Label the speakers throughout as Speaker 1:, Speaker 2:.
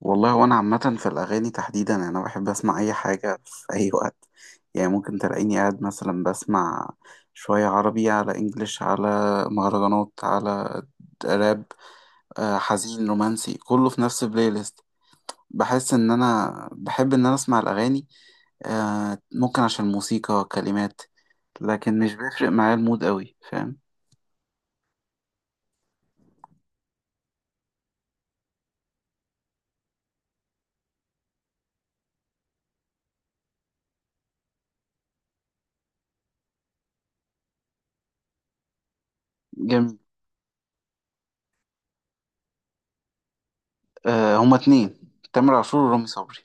Speaker 1: والله وانا عامة في الاغاني تحديدا يعني انا بحب اسمع اي حاجة في اي وقت. يعني ممكن تلاقيني قاعد مثلا بسمع شوية عربي على انجليش على مهرجانات على راب حزين رومانسي كله في نفس البلاي ليست. بحس ان انا بحب ان انا اسمع الاغاني، ممكن عشان الموسيقى كلمات، لكن مش بيفرق معايا المود قوي، فاهم؟ جميل. هما 2، تامر عاشور ورامي صبري.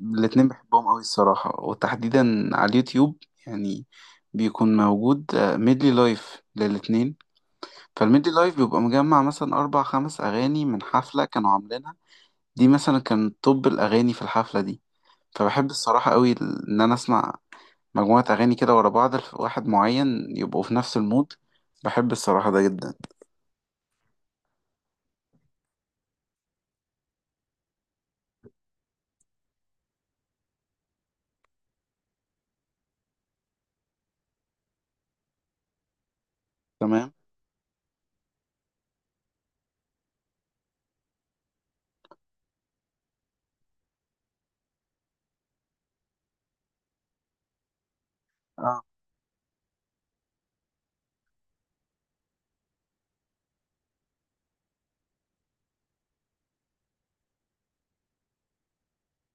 Speaker 1: الاتنين بحبهم قوي الصراحة، وتحديدا على اليوتيوب يعني بيكون موجود ميدلي لايف للاتنين. فالميدلي لايف بيبقى مجمع مثلا أربع خمس أغاني من حفلة كانوا عاملينها، دي مثلا كان توب الأغاني في الحفلة دي. فبحب الصراحة قوي إن أنا أسمع مجموعة أغاني كده ورا بعض واحد معين يبقوا في نفس المود. بحب الصراحة ده جدا. تمام. اه،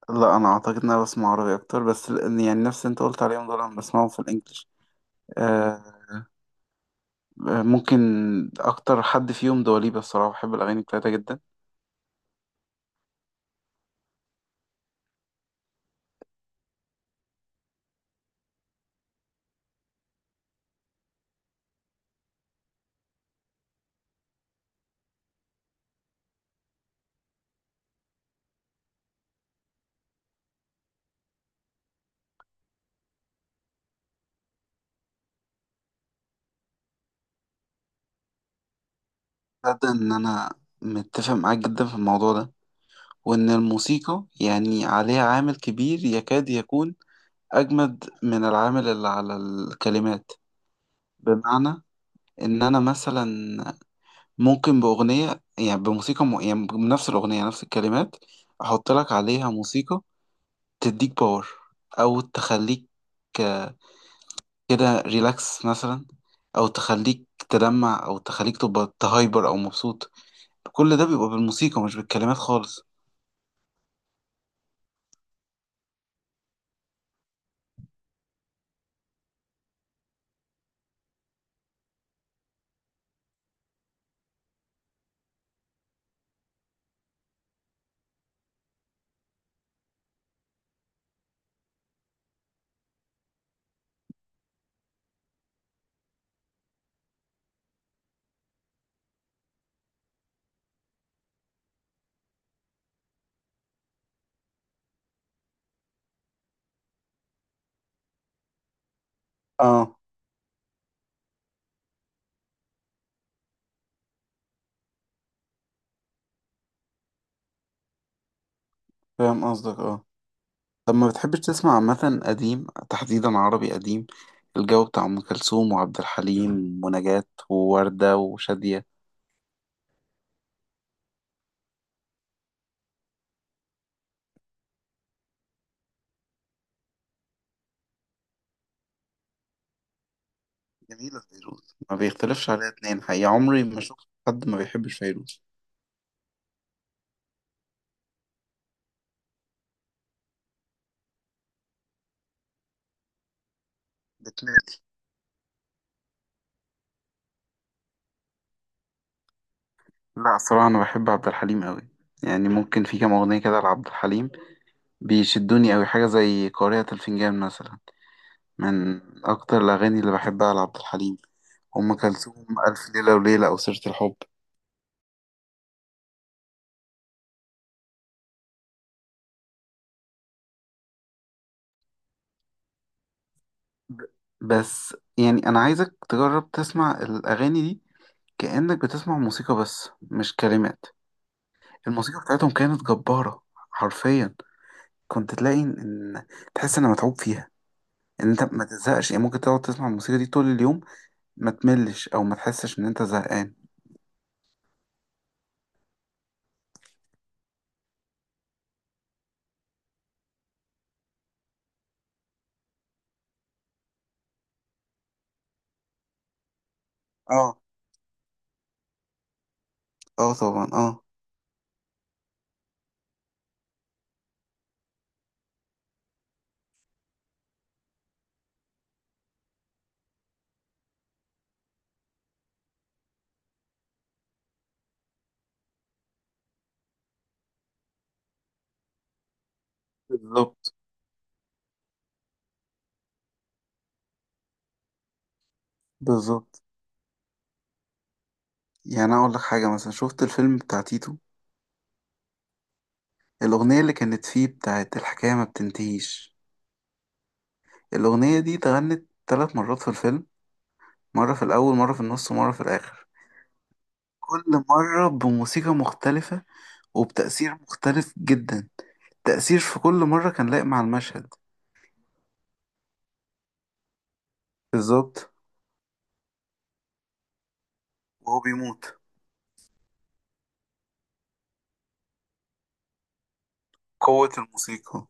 Speaker 1: لا أنا أعتقد إن أنا بسمع عربي أكتر، بس يعني نفس اللي أنت قلت عليهم دول أنا بسمعهم في الإنجليش. ممكن اكتر حد فيهم دواليبة، الصراحة بحب الاغاني بتاعتها جدا. تصدق ان انا متفق معاك جدا في الموضوع ده، وان الموسيقى يعني عليها عامل كبير يكاد يكون اجمد من العامل اللي على الكلمات. بمعنى ان انا مثلا ممكن باغنية يعني بموسيقى يعني بنفس الاغنية نفس الكلمات احط لك عليها موسيقى تديك باور، او تخليك كده ريلاكس مثلا، او تخليك تدمع، او تخليك تبقى تهايبر او مبسوط. كل ده بيبقى بالموسيقى مش بالكلمات خالص. اه، فاهم قصدك، اه. طب ما بتحبش تسمع عامة قديم، تحديدا عربي قديم؟ الجو بتاع أم كلثوم وعبد الحليم ونجاة ووردة وشادية. جميلة فيروز، ما بيختلفش عليها اتنين، حقيقة عمري ما شفت حد ما بيحبش فيروز. بتمل؟ لا الصراحة أنا بحب عبد الحليم أوي، يعني ممكن في كام أغنية كده لعبد الحليم بيشدوني أوي، حاجة زي قارئة الفنجان مثلا، من أكتر الأغاني اللي بحبها لعبد الحليم. أم كلثوم ألف ليلة وليلة أو سيرة الحب. ب- بس يعني أنا عايزك تجرب تسمع الأغاني دي كأنك بتسمع موسيقى بس مش كلمات. الموسيقى بتاعتهم كانت جبارة، حرفيا كنت تلاقي إن إن تحس إن متعوب فيها، إن أنت ما تزهقش. يعني ممكن تقعد تسمع الموسيقى دي طول اليوم ما تملش أو ما تحسش إن أنت زهقان. اه. اه، طبعا، اه. بالظبط. بالظبط، يعني اقول لك حاجه، مثلا شفت الفيلم بتاع تيتو، الاغنيه اللي كانت فيه بتاعت الحكايه ما بتنتهيش، الاغنيه دي اتغنت 3 مرات في الفيلم، مره في الاول، مره في النص، ومره في الاخر. كل مره بموسيقى مختلفه وبتاثير مختلف جدا، تاثير في كل مره كان لايق مع المشهد. بالظبط. وهو بيموت. قوه الموسيقى.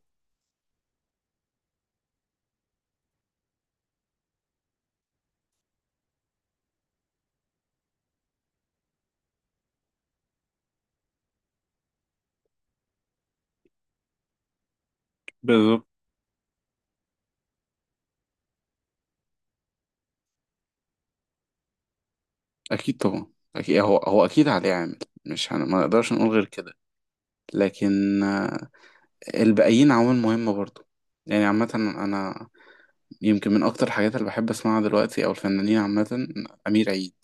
Speaker 1: بالظبط. اكيد طبعا، اكيد هو اكيد عليه عامل، مش هن... ما نقدرش نقول غير كده. لكن الباقيين عوامل مهمه برضو. يعني عامه انا يمكن من اكتر الحاجات اللي بحب اسمعها دلوقتي او الفنانين عامه، امير عيد،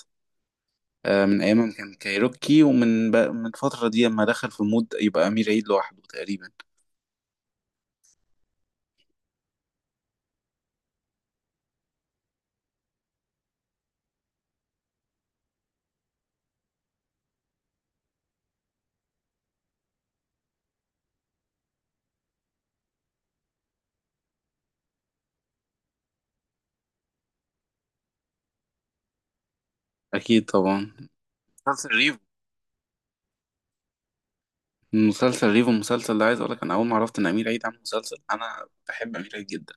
Speaker 1: من ايام ما كان كايروكي ومن من الفتره دي لما دخل في مود يبقى امير عيد لوحده تقريبا. اكيد طبعا. مسلسل ريفو مسلسل ريفو المسلسل ده عايز اقول لك، انا اول ما عرفت ان امير عيد عامل مسلسل، انا بحب امير عيد جدا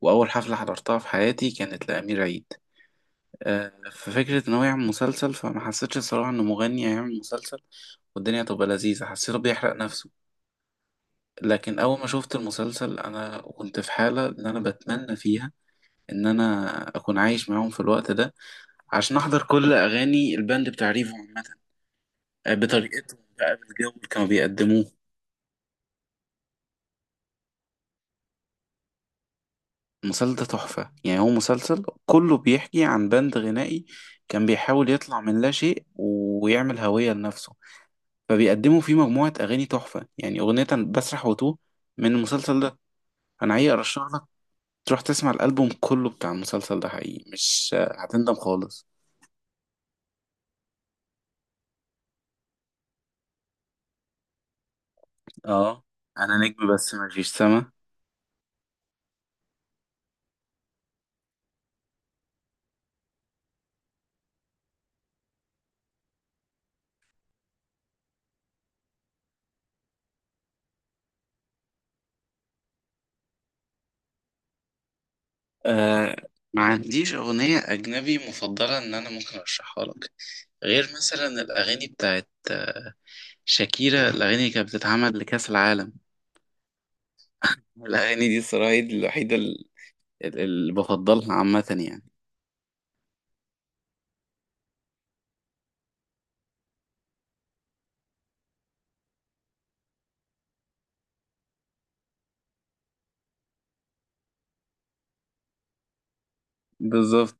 Speaker 1: واول حفله حضرتها في حياتي كانت لامير عيد، ففكره ان هو يعمل مسلسل فما حسيتش الصراحه انه مغني هيعمل مسلسل والدنيا تبقى لذيذه، حسيته بيحرق نفسه. لكن اول ما شفت المسلسل انا كنت في حالة ان انا بتمنى فيها ان انا اكون عايش معاهم في الوقت ده عشان احضر كل اغاني الباند بتاع ريفو عامة، بطريقتهم بقى بالجو اللي كانوا بيقدموه. المسلسل ده تحفة، يعني هو مسلسل كله بيحكي عن باند غنائي كان بيحاول يطلع من لا شيء ويعمل هوية لنفسه، فبيقدموا فيه مجموعة أغاني تحفة يعني، أغنية بسرح وتوه من المسلسل ده. أنا حقيقي أرشح تروح تسمع الألبوم كله بتاع المسلسل ده، حقيقي مش هتندم خالص. اه، انا نجم بس مفيش سما. آه ما عنديش أغنية أجنبي مفضلة إن أنا ممكن أرشحها لك، غير مثلا الأغاني بتاعت شاكيرا الأغاني اللي كانت بتتعمل لكأس العالم. الأغاني دي الصراحة هي دي الوحيدة اللي بفضلها عامة يعني. بالظبط.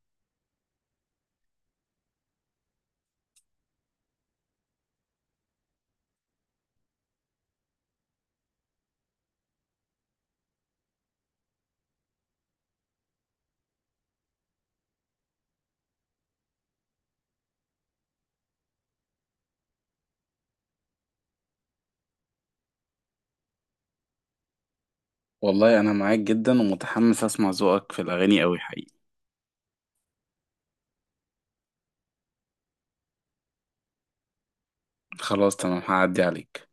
Speaker 1: والله أنا معاك جدا ومتحمس أسمع ذوقك في الأغاني أوي حقيقي. خلاص تمام، هعدي عليك.